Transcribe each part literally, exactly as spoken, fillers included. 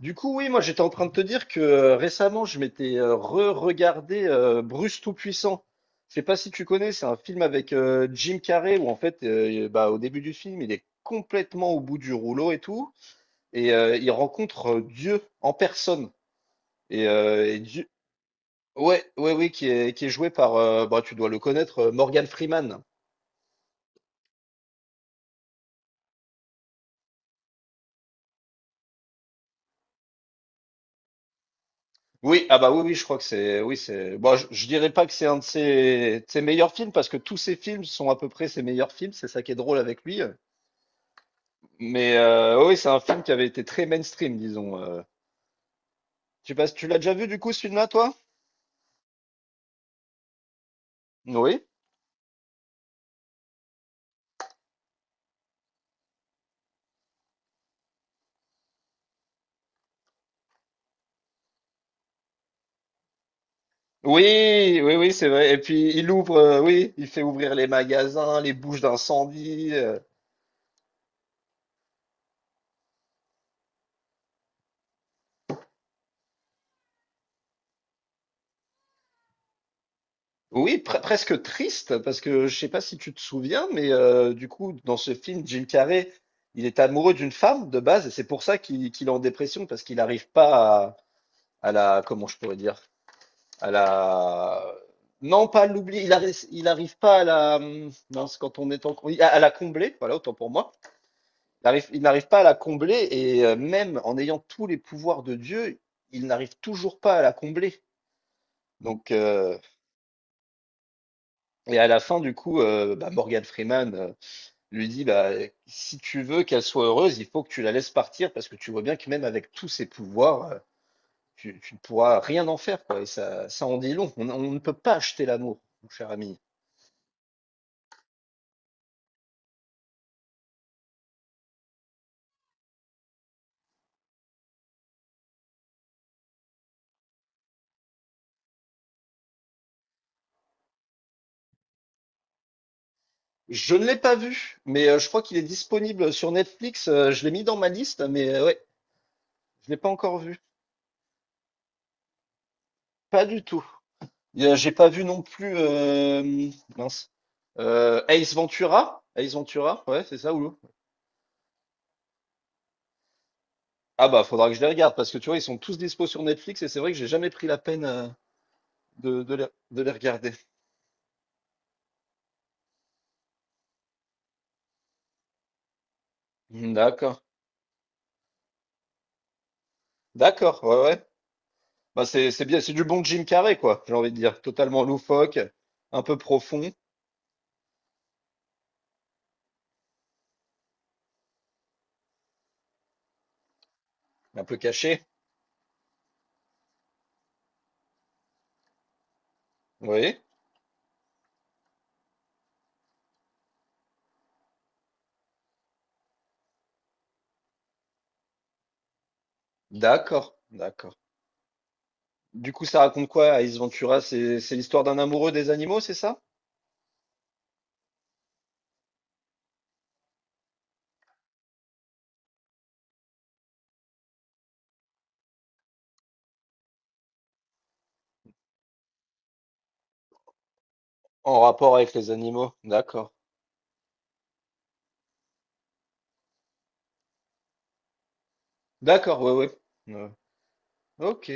Du coup, oui, moi j'étais en train de te dire que euh, récemment je m'étais euh, re-regardé euh, Bruce Tout-Puissant. Je sais pas si tu connais, c'est un film avec euh, Jim Carrey où en fait, euh, bah, au début du film, il est complètement au bout du rouleau et tout, et euh, il rencontre euh, Dieu en personne. Et, euh, et Dieu, ouais, ouais, oui, qui est qui est joué par, euh, bah, tu dois le connaître, euh, Morgan Freeman. Oui, ah bah oui, oui, je crois que c'est, oui, c'est, bon, je, je dirais pas que c'est un de ses, de ses meilleurs films parce que tous ses films sont à peu près ses meilleurs films, c'est ça qui est drôle avec lui. euh. Mais euh, oh oui, c'est un film qui avait été très mainstream, disons. euh. Je sais pas, si tu l'as déjà vu du coup ce film-là, toi? Oui. Oui, oui, oui, c'est vrai. Et puis il ouvre, euh, oui, il fait ouvrir les magasins, les bouches d'incendie. euh. Oui, pre- presque triste, parce que je sais pas si tu te souviens, mais euh, du coup, dans ce film, Jim Carrey, il est amoureux d'une femme de base, et c'est pour ça qu'il qu'il est en dépression, parce qu'il n'arrive pas à, à la, comment je pourrais dire? À la. Non, pas l'oublier. Il arrive, il arrive pas à la. Non, c'est quand on est en. Oui, À à la combler, voilà, autant pour moi. Il arrive- il n'arrive pas à la combler et euh, même en ayant tous les pouvoirs de Dieu, il n'arrive toujours pas à la combler. Donc, euh, et à la fin, du coup, euh, bah, Morgan Freeman euh, lui dit, bah, si tu veux qu'elle soit heureuse, il faut que tu la laisses partir parce que tu vois bien que même avec tous ses pouvoirs, euh, tu, tu ne pourras rien en faire, quoi. Et ça, ça en dit long. On, on ne peut pas acheter l'amour, mon cher ami. Je ne l'ai pas vu, mais euh, je crois qu'il est disponible sur Netflix. Euh, je l'ai mis dans ma liste, mais euh, ouais, je l'ai pas encore vu. Pas du tout. Et, euh, J'ai pas vu non plus euh, mince. Euh, Ace Ventura. Ace Ventura, ouais, c'est ça, Oulou. Ah bah faudra que je les regarde parce que tu vois, ils sont tous dispo sur Netflix et c'est vrai que j'ai jamais pris la peine euh, de, de les, de les regarder. D'accord. D'accord, ouais, ouais. Bah c'est c'est bien, c'est du bon Jim Carrey, quoi, j'ai envie de dire. Totalement loufoque, un peu profond, un peu caché. Oui. D'accord, d'accord. Du coup, ça raconte quoi, Ace Ventura? C'est c'est l'histoire d'un amoureux des animaux, c'est ça? En rapport avec les animaux, d'accord. D'accord, ouais, ouais. Ouais. Ok.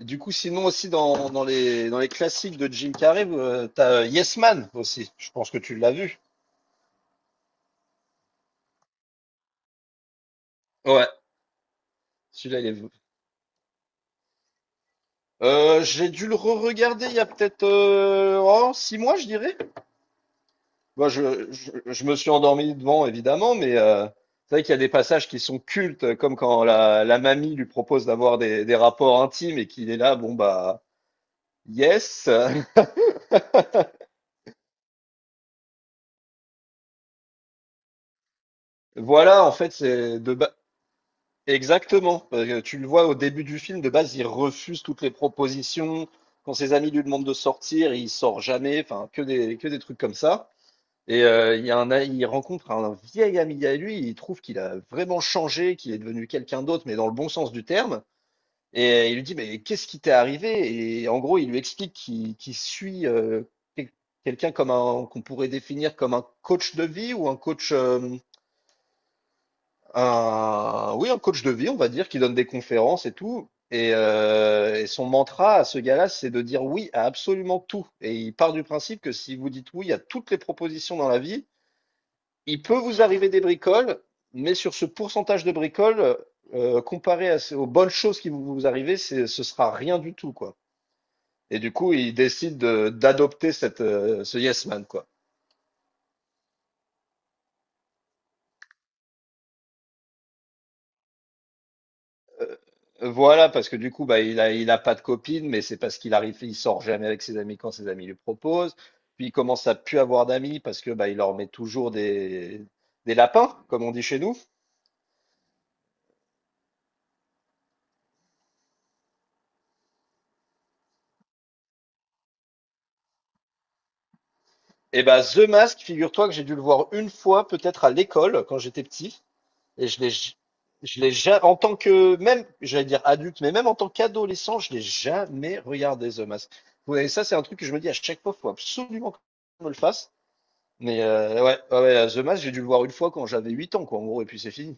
Du coup, sinon aussi dans, dans les dans les classiques de Jim Carrey, euh, t'as euh, Yes Man aussi. Je pense que tu l'as vu. Ouais, celui-là il est. Euh, j'ai dû le re-regarder il y a peut-être euh, oh, six mois, je dirais. Moi, je, je, je me suis endormi devant, évidemment, mais euh, c'est vrai qu'il y a des passages qui sont cultes, comme quand la, la mamie lui propose d'avoir des, des rapports intimes et qu'il est là, bon bah, yes. Voilà, en fait, c'est de ba- Exactement, parce que tu le vois au début du film, de base, il refuse toutes les propositions. Quand ses amis lui demandent de sortir, il sort jamais. Enfin, que des, que des trucs comme ça. Et euh, il y a un, a- il rencontre un vieil ami à lui. Il trouve qu'il a vraiment changé, qu'il est devenu quelqu'un d'autre, mais dans le bon sens du terme. Et euh, il lui dit, mais qu'est-ce qui t'est arrivé? Et en gros, il lui explique qu'il qu'il suit euh, quel- quelqu'un comme un qu'on pourrait définir comme un coach de vie ou un coach, euh, un, oui, un coach de vie, on va dire, qui donne des conférences et tout. Et, euh, et son mantra à ce gars-là, c'est de dire oui à absolument tout. Et il part du principe que si vous dites oui à toutes les propositions dans la vie, il peut vous arriver des bricoles, mais sur ce pourcentage de bricoles, euh, comparé à, ce- aux bonnes choses qui vous, vous arrivent c'est- ce sera rien du tout, quoi. Et du coup, il décide de- d'adopter cette euh, ce yes man quoi. Euh, euh, voilà, parce que du coup, bah, il a il a pas de copine, mais c'est parce qu'il arrive, il sort jamais avec ses amis quand ses amis lui proposent. Puis il commence à plus avoir d'amis parce que bah, il leur met toujours des des lapins, comme on dit chez nous. Et bah The Mask, figure-toi que j'ai dû le voir une fois, peut-être à l'école quand j'étais petit. Et je l'ai, j- je l'ai jamais, en tant que, même, j'allais dire adulte, mais même en tant qu'adolescent, je l'ai jamais regardé The Mask. Ouais, et ça, c'est un truc que je me dis à chaque fois, faut absolument qu'on me le fasse. Mais euh, ouais, ouais, ouais, The Mask, j'ai dû le voir une fois quand j'avais huit ans, quoi, en gros, et puis c'est fini.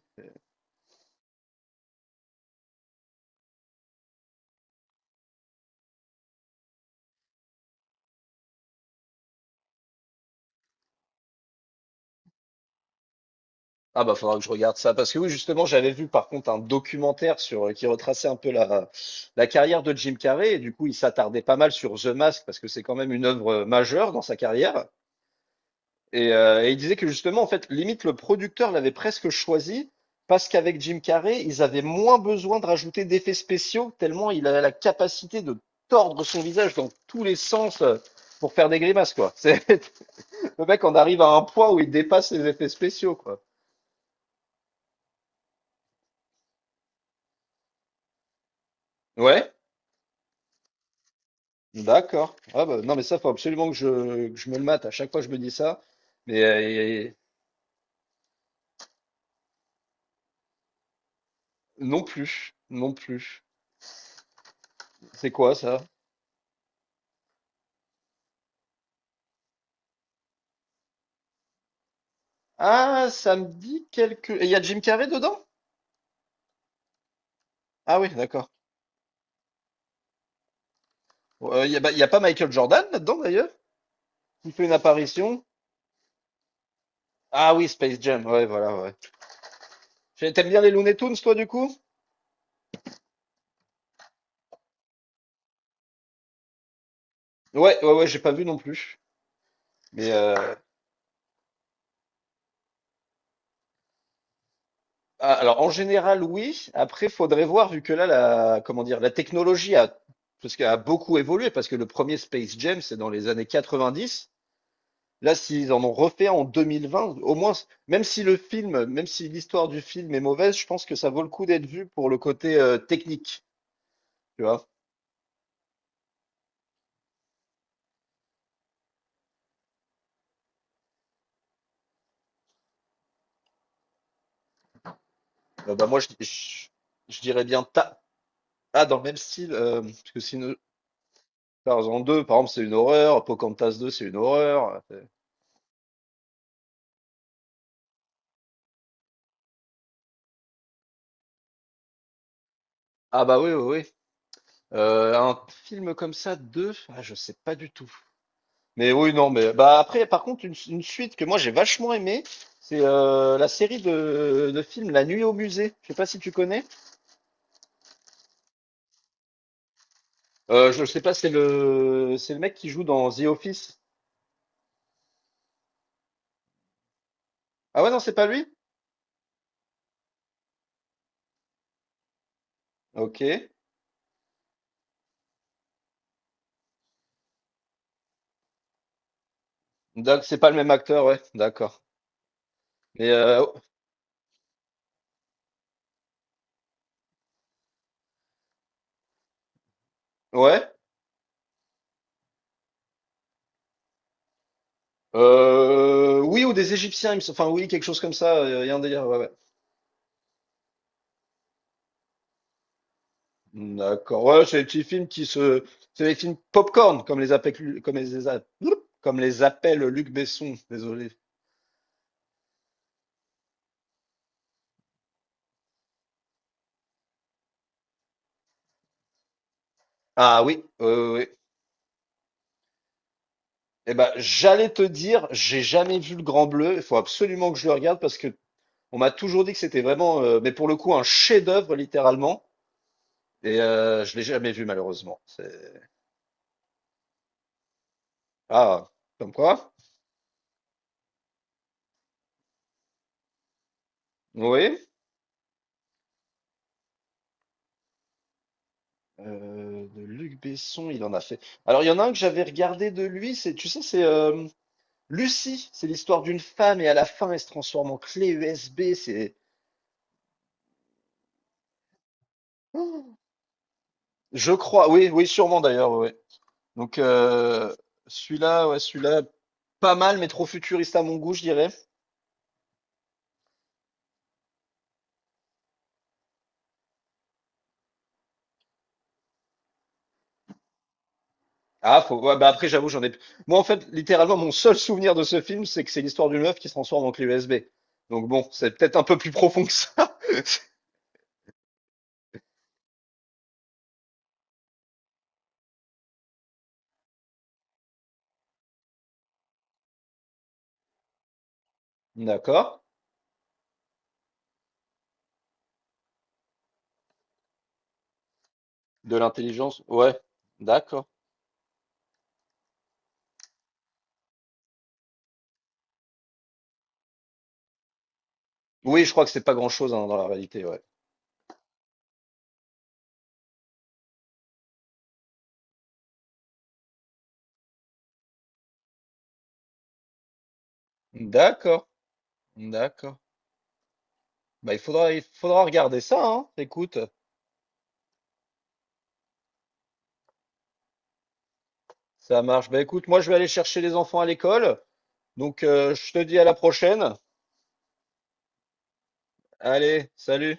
Ah bah faudra que je regarde ça parce que oui justement j'avais vu par contre un documentaire sur euh, qui retraçait un peu la, la carrière de Jim Carrey et du coup il s'attardait pas mal sur The Mask parce que c'est quand même une œuvre majeure dans sa carrière. Et, euh, et il disait que justement, en fait, limite, le producteur l'avait presque choisi parce qu'avec Jim Carrey, ils avaient moins besoin de rajouter d'effets spéciaux, tellement il avait la capacité de tordre son visage dans tous les sens euh, pour faire des grimaces, quoi. C'est, le mec en arrive à un point où il dépasse les effets spéciaux, quoi. Ouais, d'accord. Ah bah, non, mais ça, faut absolument que je, que je, me le mate. À chaque fois, je me dis ça. Mais euh, et- non plus, non plus. C'est quoi ça? Ah, ça me dit quelque... Et il y a Jim Carrey dedans? Ah oui, d'accord. Il n'y a, bah, y a pas Michael Jordan là-dedans d'ailleurs? Il fait une apparition? Ah oui, Space Jam, ouais, voilà, ouais. J'ai- T'aimes bien les Looney Tunes, toi, du coup? Ouais, ouais, ouais, j'ai pas vu non plus. Mais euh, ah, alors, en général, oui. Après, faudrait voir, vu que là, la, comment dire, la technologie a, parce qu'elle a beaucoup évolué, parce que le premier Space Jam, c'est dans les années quatre-vingt-dix. Là, s'ils en ont refait en deux mille vingt, au moins, même si le film, même si l'histoire du film est mauvaise, je pense que ça vaut le coup d'être vu pour le côté euh, technique, tu vois. Euh, bah, moi, je, je- je dirais bien ta... Ah, dans le même style, euh, parce que sinon, Tarzan deux par exemple, c'est une horreur, Pocahontas deux c'est une horreur. euh, Ah bah oui, oui, oui. Euh, un film comme ça, deux ah, je sais pas du tout. Mais oui, non, mais bah après, par contre, une, une suite que moi j'ai vachement aimée, c'est euh, la série de, de films La Nuit au musée. Je sais pas si tu connais. Euh, je sais pas, c'est le c'est le mec qui joue dans The Office. Ah ouais, non, c'est pas lui? Ok. D'ac- C'est pas le même acteur, ouais, d'accord. Mais euh, ouais. Euh, oui, ou des Égyptiens, il me sem- enfin oui, quelque chose comme ça, euh, il y a un délire, ouais, ouais. D'accord, ouais, c'est les petits films qui se... C'est les films popcorn, comme les appelle, Lu- comme les, a- comme les appelle Luc Besson, désolé. Ah oui, euh, oui. Oui. Eh ben, j'allais te dire, j'ai jamais vu Le Grand Bleu, il faut absolument que je le regarde parce que on m'a toujours dit que c'était vraiment, euh, mais pour le coup, un chef-d'œuvre, littéralement, et euh, je l'ai jamais vu, malheureusement. C'est... Ah, comme quoi? Oui. Euh, de Luc Besson, il en a fait. Alors, il y en a un que j'avais regardé de lui, c'est, tu sais, c'est euh, Lucie. C'est l'histoire d'une femme et à la fin, elle se transforme en clé U S B. C'est, je crois, oui, oui, sûrement d'ailleurs, ouais. Ouais. Donc, euh, celui-là, ouais, celui-là, pas mal, mais trop futuriste à mon goût, je dirais. Ah, faut, ouais, bah après, j'avoue, j'en ai. Moi, en fait, littéralement, mon seul souvenir de ce film, c'est que c'est l'histoire d'une meuf qui se transforme en clé U S B. Donc, bon, c'est peut-être un peu plus profond que ça. D'accord. De l'intelligence, ouais. D'accord. Oui, je crois que c'est pas grand-chose hein, dans la réalité, ouais. D'accord, d'accord. Bah, il faudra, il faudra regarder ça, hein. Écoute, ça marche. Bah, écoute, moi, je vais aller chercher les enfants à l'école. Donc, euh, je te dis à la prochaine. Allez, salut.